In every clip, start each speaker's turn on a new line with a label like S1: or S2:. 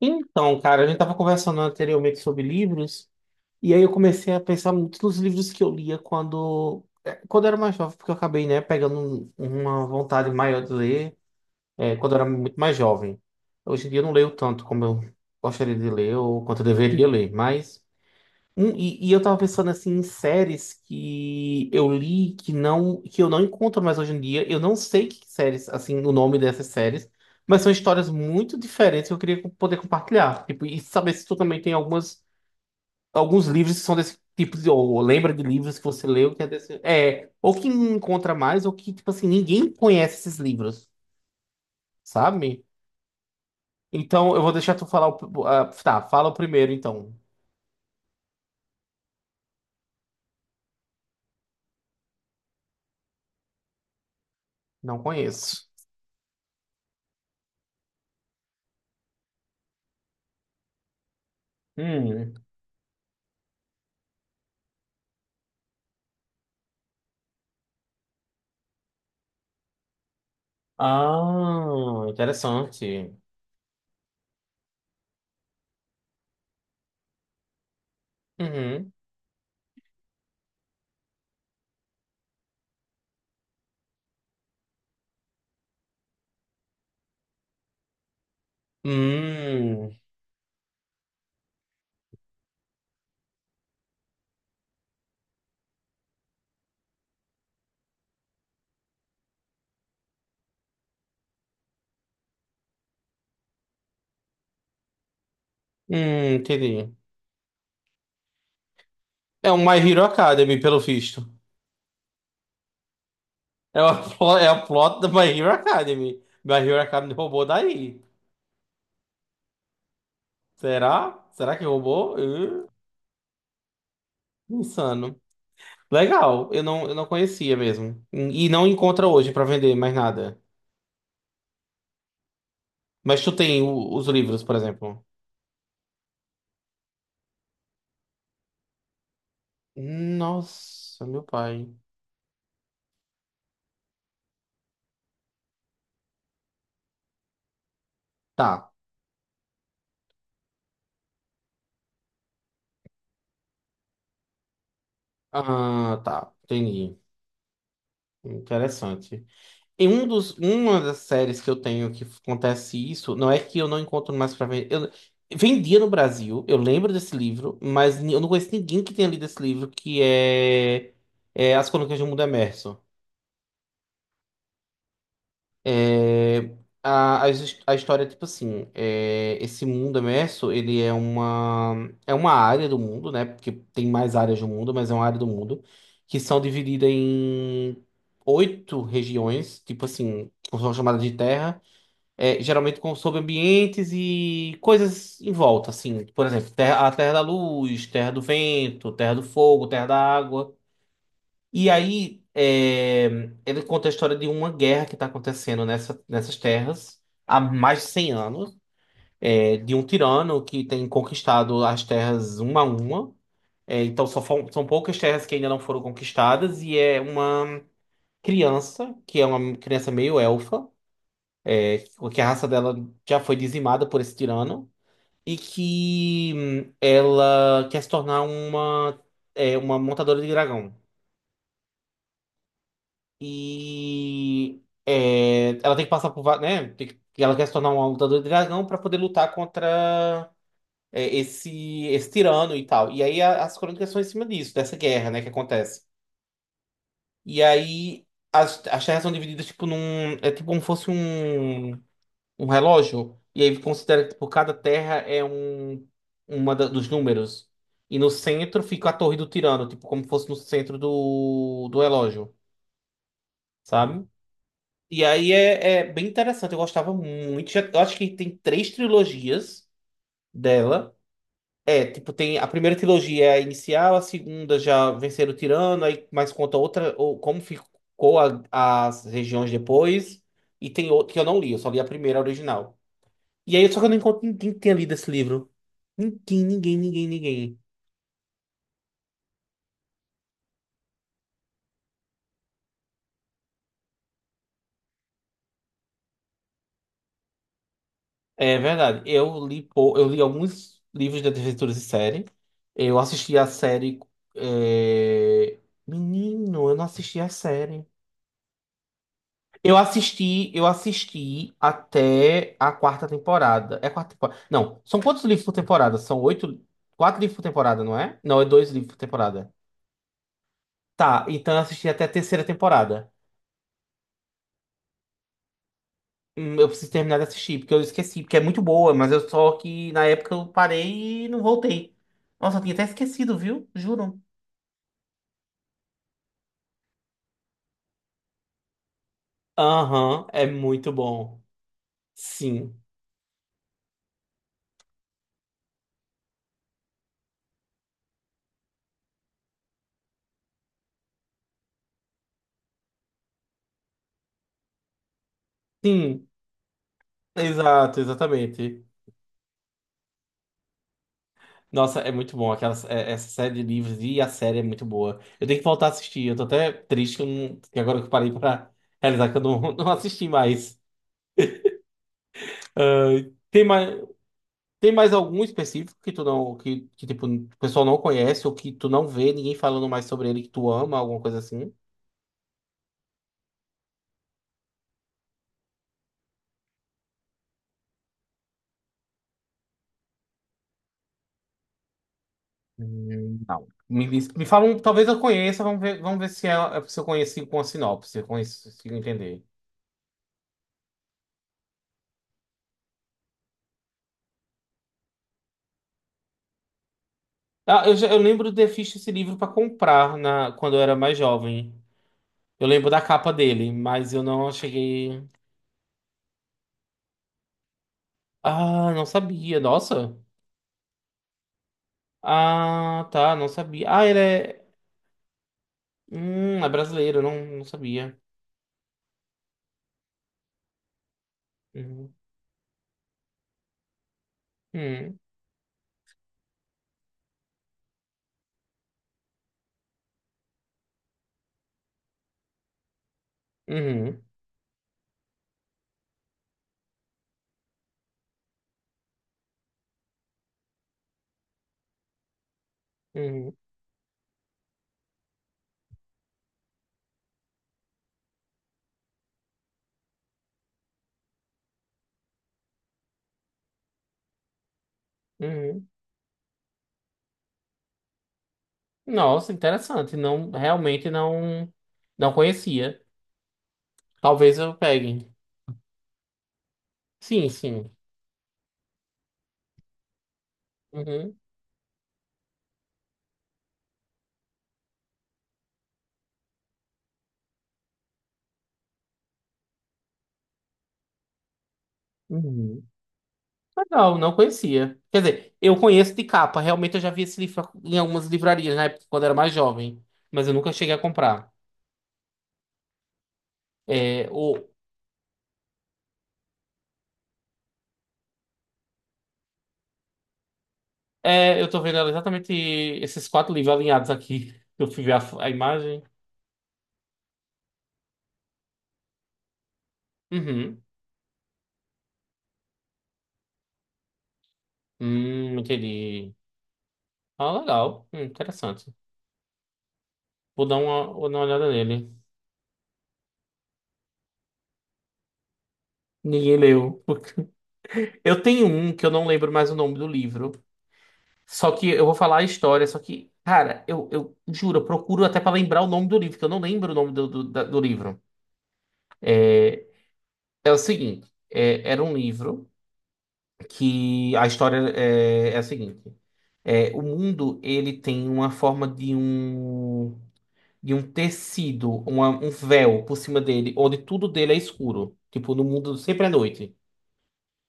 S1: Então, cara, a gente tava conversando anteriormente sobre livros, e aí eu comecei a pensar muito nos livros que eu lia quando, quando eu era mais jovem, porque eu acabei, né, pegando uma vontade maior de ler, quando eu era muito mais jovem. Hoje em dia eu não leio tanto como eu gostaria de ler ou quanto eu deveria ler, mas. E eu tava pensando assim em séries que eu li que eu não encontro mais hoje em dia. Eu não sei que séries, assim, o nome dessas séries, mas são histórias muito diferentes que eu queria poder compartilhar. Tipo, e saber se tu também tem algumas alguns livros que são desse tipo de, ou lembra de livros que você leu que é desse, ou que encontra mais ou que tipo assim ninguém conhece esses livros, sabe? Então eu vou deixar tu falar ah, tá, fala o primeiro então. Não conheço. Ah, interessante. Uhum. Hum, entendi. É um My Hero Academy, pelo visto. É o é o plot do My Hero Academy. My Hero Academy roubou daí. Será? Será que roubou? Insano. Legal, eu não conhecia mesmo. E não encontra hoje pra vender mais nada. Mas tu tem os livros, por exemplo. Nossa, meu pai. Tá. Ah, tá. Entendi. Interessante. Em uma das séries que eu tenho que acontece isso, não é que eu não encontro mais pra vender. Eu vendia no Brasil, eu lembro desse livro, mas eu não conheço ninguém que tenha lido esse livro, é As Crônicas de um Mundo Emerso. É, a história é tipo assim, é, esse mundo emerso, é uma área do mundo, né? Porque tem mais áreas do mundo, mas é uma área do mundo, que são divididas em oito regiões, tipo assim, são chamadas de terra. É, geralmente com, sobre ambientes e coisas em volta, assim. Por exemplo, a terra da luz, terra do vento, terra do fogo, terra da água. E aí, ele conta a história de uma guerra que está acontecendo nessas terras há mais de 100 anos, é, de um tirano que tem conquistado as terras uma a uma. É, então, são poucas terras que ainda não foram conquistadas, e é uma criança, que é uma criança meio elfa, é, que a raça dela já foi dizimada por esse tirano. E que ela quer se tornar uma montadora de dragão. E é, ela tem que passar por, né? Ela quer se tornar uma lutadora de dragão para poder lutar contra esse tirano e tal. E aí as crônicas são em cima disso, dessa guerra, né, que acontece. E aí as terras são divididas tipo num, é tipo como fosse um relógio, e aí considera que por cada terra é um dos números. E no centro fica a torre do tirano, tipo, como fosse no centro do relógio, sabe? E aí é, é bem interessante, eu gostava muito. Eu acho que tem três trilogias dela. É, tipo, tem a primeira trilogia é a inicial, a segunda já venceram o tirano, aí mais conta outra, ou como ficou as regiões depois. E tem outro que eu não li, eu só li a primeira original. E aí, só que eu não encontro ninguém que tenha lido esse livro. Ninguém, ninguém, ninguém, ninguém. É verdade. Eu li alguns livros de aventuras em Série. Eu assisti a série. é, Menino, eu não assisti a série. Eu assisti, até a quarta temporada. É a quarta temporada. Não, são quantos livros por temporada? São oito. Quatro livros por temporada, não é? Não, é dois livros por temporada. Tá, então eu assisti até a terceira temporada. Eu preciso terminar de assistir, porque eu esqueci, porque é muito boa, mas eu só que na época eu parei e não voltei. Nossa, eu tinha até esquecido, viu? Juro. Aham, é muito bom. Sim. Sim, exato, exatamente. Nossa, é muito bom. Aquela, essa série de livros e a série é muito boa. Eu tenho que voltar a assistir. Eu tô até triste que, eu não- que agora que eu parei pra realizar que eu não, não assisti mais. Ah, tem mais. Tem mais algum específico que tu não, que tipo, o pessoal não conhece ou que tu não vê ninguém falando mais sobre ele que tu ama, alguma coisa assim? Não. Me fala um, talvez eu conheça, vamos ver se, se eu conheci com a sinopse, se eu consigo entender. Ah, eu lembro de ter visto esse livro para comprar na, quando eu era mais jovem. Eu lembro da capa dele, mas eu não cheguei. Ah, não sabia, nossa. Ah, tá, não sabia. Ah, ele é. É brasileiro, não, não sabia. Uhum. Hum. Uhum, uhum, uhum. Nossa, interessante. Não, realmente não conhecia. Talvez eu pegue. Sim, sim. Uhum, uhum. Legal, não conhecia. Quer dizer, eu conheço de capa. Realmente eu já vi esse livro em algumas livrarias na época, quando era mais jovem. Mas eu nunca cheguei a comprar. É, o, eu tô vendo exatamente esses quatro livros alinhados aqui. Eu fui ver a imagem. Uhum. Entendi. Ah, legal. Interessante. Vou dar uma olhada nele. Ninguém leu. Eu tenho um que eu não lembro mais o nome do livro. Só que eu vou falar a história. Só que, cara, eu juro, eu procuro até pra lembrar o nome do livro, que eu não lembro o nome do livro. É o seguinte: é, era um livro que a história é a seguinte: é, o mundo ele tem uma forma de um tecido, um véu por cima dele, onde tudo dele é escuro. Tipo, no mundo sempre é noite.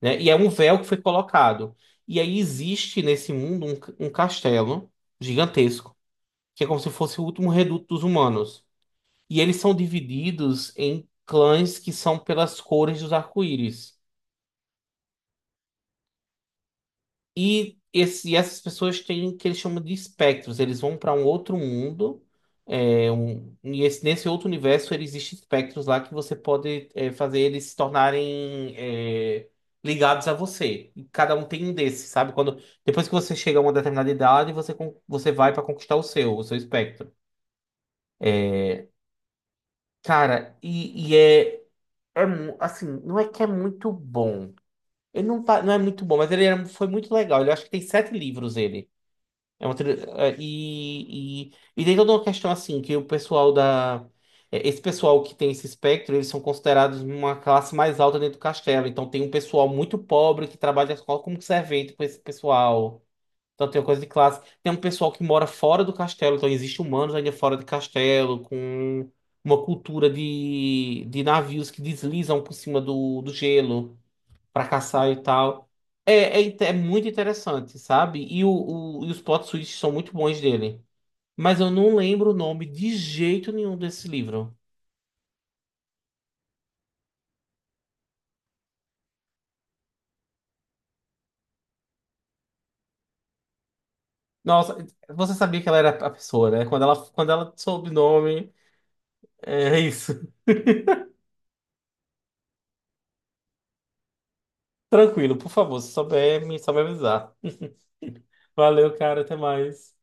S1: Né? E é um véu que foi colocado. E aí existe nesse mundo um castelo gigantesco, que é como se fosse o último reduto dos humanos. E eles são divididos em clãs que são pelas cores dos arco-íris. E, esse, e essas pessoas têm o que eles chamam de espectros. Eles vão para um outro mundo. Nesse outro universo ele existe espectros lá que você pode fazer eles se tornarem ligados a você. E cada um tem um desses, sabe? Quando, depois que você chega a uma determinada idade, você vai para conquistar o seu espectro. Cara, é assim, não é que é muito bom. Ele não, tá- não é muito bom, mas foi muito legal. Ele acho que tem sete livros ele. É uma e tem toda uma questão assim, que o pessoal da. Esse pessoal que tem esse espectro, eles são considerados uma classe mais alta dentro do castelo. Então tem um pessoal muito pobre que trabalha só como servente com esse pessoal. Então tem uma coisa de classe. Tem um pessoal que mora fora do castelo, então existem humanos ainda fora do castelo, com uma cultura de navios que deslizam por cima do gelo pra caçar e tal. É, é muito interessante, sabe? E os plot twists são muito bons dele. Mas eu não lembro o nome de jeito nenhum desse livro. Nossa, você sabia que ela era a pessoa, né? Quando ela soube o nome, é isso. Tranquilo, por favor, se souber, só me avisar. Valeu, cara, até mais.